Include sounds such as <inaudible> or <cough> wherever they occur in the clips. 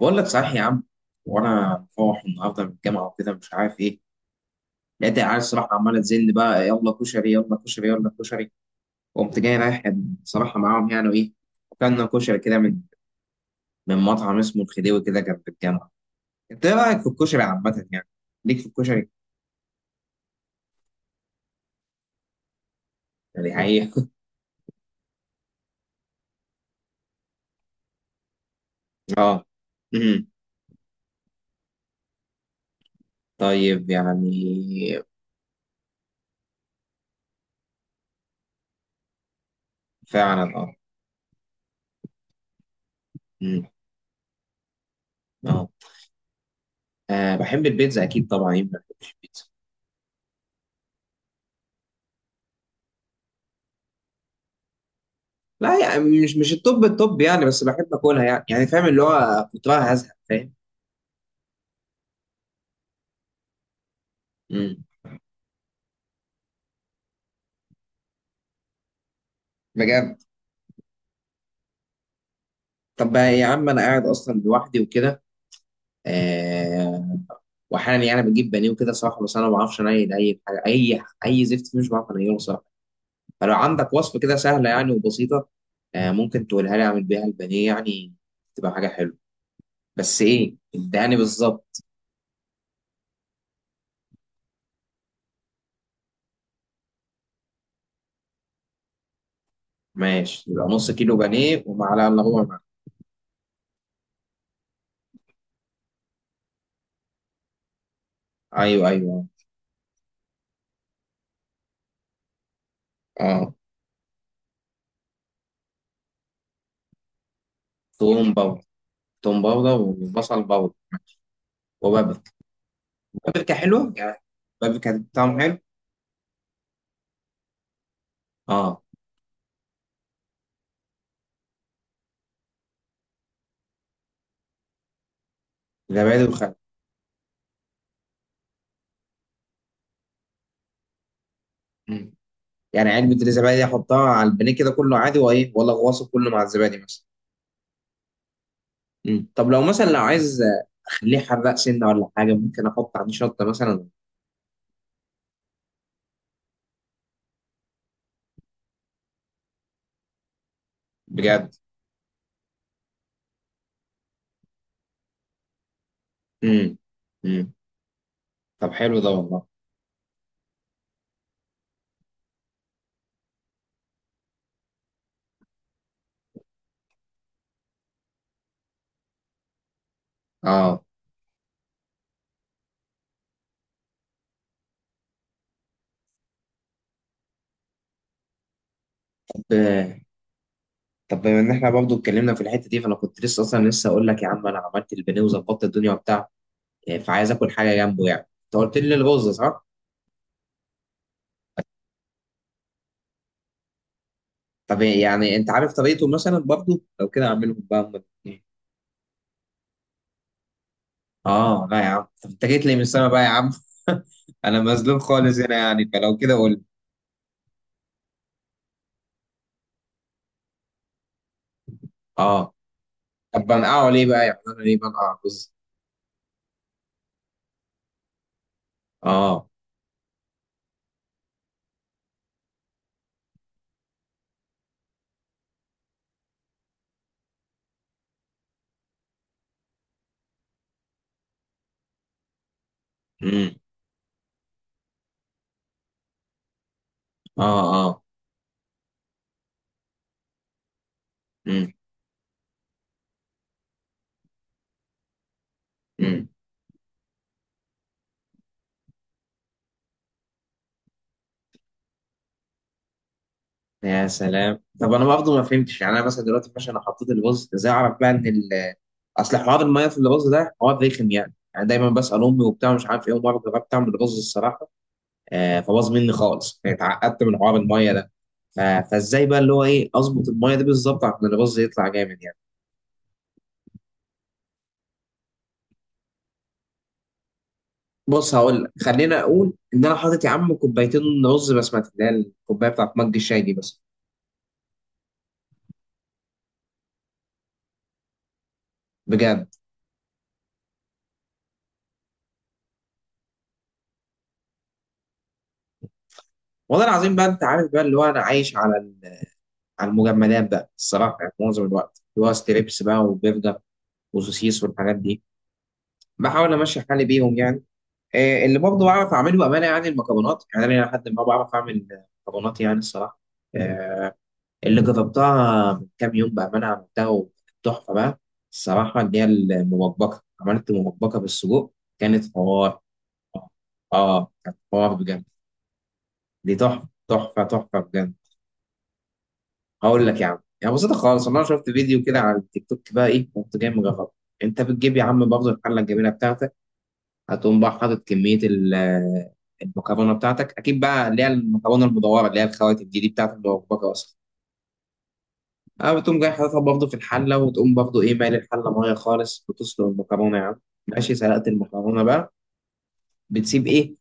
بقول لك صحيح يا عم. وانا مفوح النهارده من الجامعه وكده مش عارف ايه. لقيت العيال الصراحه عماله تزن بقى، يلا كشري يلا كشري يلا كشري. وقمت جاي رايح صراحه معاهم يعني وايه. وكلنا كشري كده من مطعم اسمه الخديوي كده جنب الجامعه. انت ايه رايك في الكشري عامه يعني؟ ليك في الكشري؟ يعني حقيقي. اه. امم. طيب يعني. فعلا اه. امم. اه. آه، بحب البيتزا اكيد طبعا. مين ما بيحبش البيتزا؟ لا يعني مش التوب. التوب يعني بس بحب اكلها يعني فاهم اللي هو كنت بقى هزهق فاهم. امم. بجد. طب بقى يا عم انا قاعد اصلا لوحدي وكده. آه. واحيانا يعني بجيب بانيه وكده صراحه، بس انا ما بعرفش انيل اي حاجه، اي زفت فيه مش بعرف انيله صراحه. فلو عندك وصفه كده سهله يعني وبسيطه آه، ممكن تقولها لي اعمل بيها البانيه يعني. تبقى حاجه حلوه. بس ايه اداني بالظبط. ماشي، يبقى نص كيلو بانيه ومعلقه الا ربع معلقة. ايوه ايوه اه. توم باودر. توم باودر وبصل باودر. وبابل. بابل حلوة يعني. بابل كان طعمه حلو. اه. زبادي وخل. مم. يعني علبة الزبادي دي أحطها على البانيه كده كله عادي وإيه، ولا أغوصه كله مع الزبادي مثلا؟ مم. طب لو مثلا لو عايز أخليه حراق سنة ولا حاجة، ممكن أحط عليه شطة مثلا؟ بجد. مم. مم. طب حلو ده والله. اه. طب طب بما ان احنا برضه اتكلمنا في الحته دي، فانا كنت لسه اصلا لسه اقول لك يا عم، انا عملت البانيه وظبطت الدنيا وبتاع. فعايز اكل حاجه جنبه يعني. انت قلت لي الرز صح؟ طب يعني انت عارف طريقته مثلا برضه؟ لو كده اعملهم بقى هم الاتنين. اه لا يا عم، طب انت جيت لي من السما بقى يا عم. <laughs> انا مظلوم خالص هنا يعني، فلو كده قول لي. اه. طب بنقعه ليه بقى؟ يعني انا ليه بنقع رز؟ اه. امم. اه. اه. امم. امم. يا سلام. طب انا برضه ما فهمتش يعني. انا مثلا دلوقتي ماشي، انا حطيت الرز، ازاي اعرف بقى ان اصل حوار الميه في الرز ده حوار رخم يعني دايما بسال امي وبتاع مش عارف ايه. ومره جربت اعمل رز الصراحه آه، فباظ مني خالص يعني. اتعقدت من حوار الميه ده. فازاي بقى اللي هو ايه اظبط الميه دي بالظبط عشان الرز يطلع جامد يعني؟ بص هقول لك، خلينا اقول ان انا حاطط يا عم كوبايتين رز بسمتي، اللي هي الكوبايه بتاعت مج الشاي دي بس. بجد. والله العظيم بقى انت عارف بقى اللي هو انا عايش على على المجمدات بقى الصراحه، يعني معظم الوقت اللي هو ستريبس بقى وبرجر وسوسيس والحاجات دي. بحاول امشي حالي بيهم يعني. آه، اللي برضه بعرف اعمله بامانه يعني المكرونات. يعني انا لحد ما بعرف اعمل مكرونات يعني الصراحه. آه، اللي جربتها من كام يوم بأمانة عملتها وكانت تحفة بقى الصراحة، اللي هي المبكبكة. عملت مبكبكة بالسجق كانت حوار. اه، كانت حوار بجد. دي تحفة تحفة تحفة بجد. هقول لك يا عم، يعني بسيطة خالص. أنا شفت فيديو كده على التيك توك بقى إيه، كنت جاي مجرب. أنت بتجيب يا عم برضه الحلة الجميلة بتاعتك. هتقوم بقى حاطط كمية المكرونة بتاعتك، أكيد بقى اللي هي المكرونة المدورة اللي هي الخواتم دي بتاعت المبكبكة أصلا. اه بتقوم جاي حاططها برضه في الحله. وتقوم برضه ايه، مالي الحله ميه خالص بتسلق المكرونه يا عم. ماشي سلقت المكرونه بقى. بتسيب ايه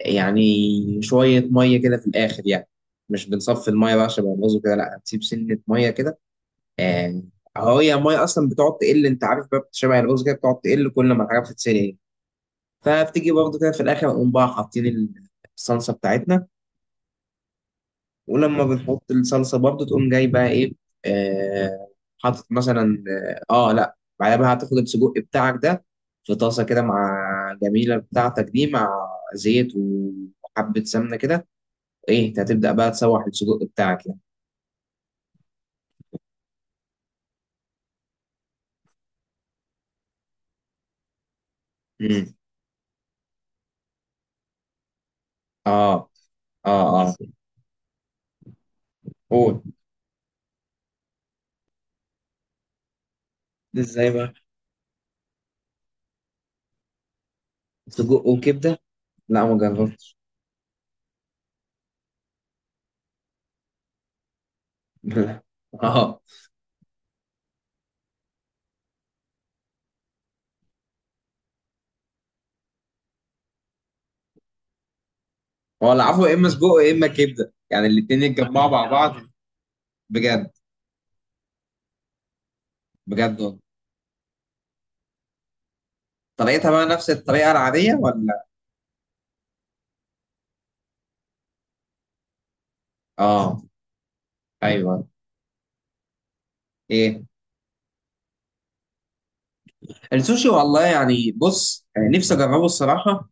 يعني، شويه ميه كده في الاخر يعني. مش بنصفي الميه بقى عشان يبوظوا كده، لا هتسيب سنه ميه كده آه. اهو هي الميه اصلا بتقعد تقل، انت عارف بقى شبه الرز كده، بتقعد تقل كل ما الحاجه بتتسلق. فبتيجي برضه كده في الاخر، نقوم بقى حاطين الصلصه بتاعتنا. ولما بنحط الصلصه برضو تقوم جاي بقى ايه. آه. حاطط مثلا. اه آه، لا بعدها بقى هتاخد السجق بتاعك ده في طاسه كده، مع جميله بتاعتك دي، مع زيت وحبه سمنه كده. ايه، انت هتبدا بقى تسوح السجق بتاعك يعني. امم. اه اه اه. قول. ازاي بقى؟ سجق وكبده؟ لا، ما جربت. <laughs> اه. هو العفو، يا اما سجق يا اما كبده يعني، الاتنين يتجمعوا مع بعض؟ <laughs> بجد. بجد والله. طريقتها بقى نفس الطريقه العاديه ولا؟ اه. ايوه. ايه؟ السوشي؟ والله يعني بص آه، نفسي اجربه الصراحه.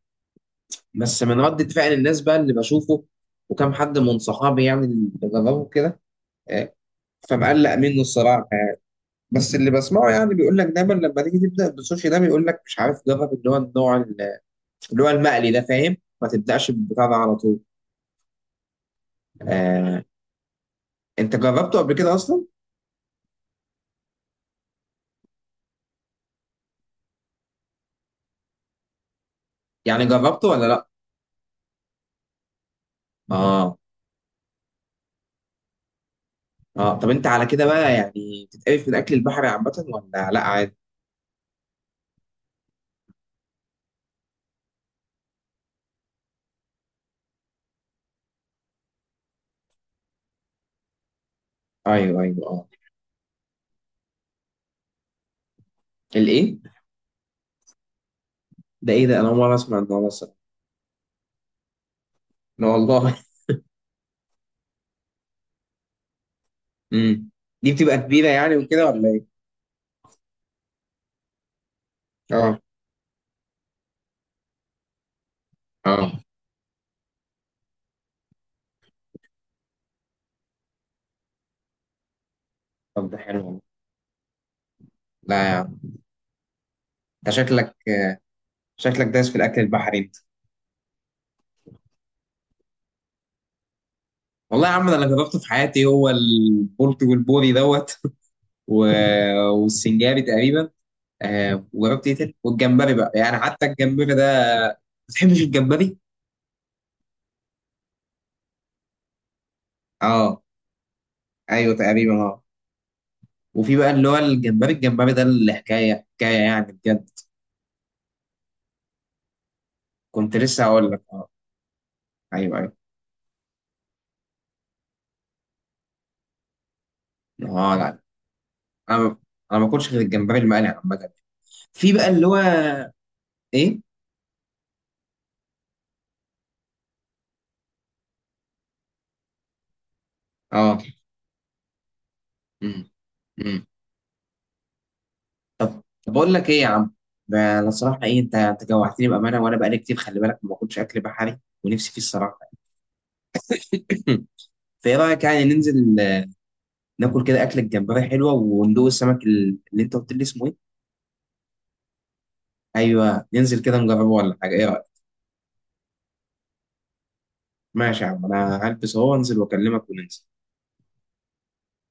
بس من ردة فعل الناس بقى اللي بشوفه وكم حد من صحابي يعني اللي جربه كده، آه، فمقلق منه الصراحه. بس اللي بسمعه يعني بيقول لك دايما، لما تيجي تبدا بالسوشي ده بيقول لك مش عارف جرب اللي هو النوع اللي هو المقلي ده فاهم، ما تبداش بالبتاع ده على طول. آه. انت جربته قبل كده اصلا؟ يعني جربته ولا لا؟ اه. اه. طب انت على كده بقى يعني بتتقرف من اكل البحر عامه ولا لا عادي؟ ايوه ايوه آه. الايه؟ ده ايه ده، انا اول مره اسمع النوع مثلا. لا والله. امم. <laughs> دي بتبقى كبيره يعني وكده ولا ايه؟ اه. اه. طب ده حلو والله. لا يا عم، انت شكلك دايس في الاكل البحري انت. والله يا عم، ده انا جربته في حياتي هو البلطي والبوري دوت. <laughs> و... والسنجاري تقريبا. آه، وجربت ايه تاني والجمبري بقى يعني. حتى الجمبري ده، ما بتحبش الجمبري؟ اه. ايوه تقريبا. اه. وفي بقى اللي هو الجمبري، الجمبري ده اللي حكايه حكايه يعني بجد. كنت لسه هقول لك. اه ايوه ايوه اه. لا انا ما- انا ما باكلش غير الجمبري المقلي عامه. في بقى اللي هو ايه. اه. امم. امم. طب بقول لك ايه يا عم، ده انا الصراحه ايه، انت جوعتني بامانه. وانا بقالي كتير خلي بالك ما باكلش اكل بحري ونفسي فيه الصراحه. <laughs> فايه رايك يعني ننزل آه، ناكل كده اكله جمبري حلوه وندوق السمك اللي انت قلت لي اسمه ايه. ايوه، ننزل كده نجربه ولا حاجه، ايه رايك؟ ماشي يا عم، انا هلبس اهو وانزل واكلمك وننزل.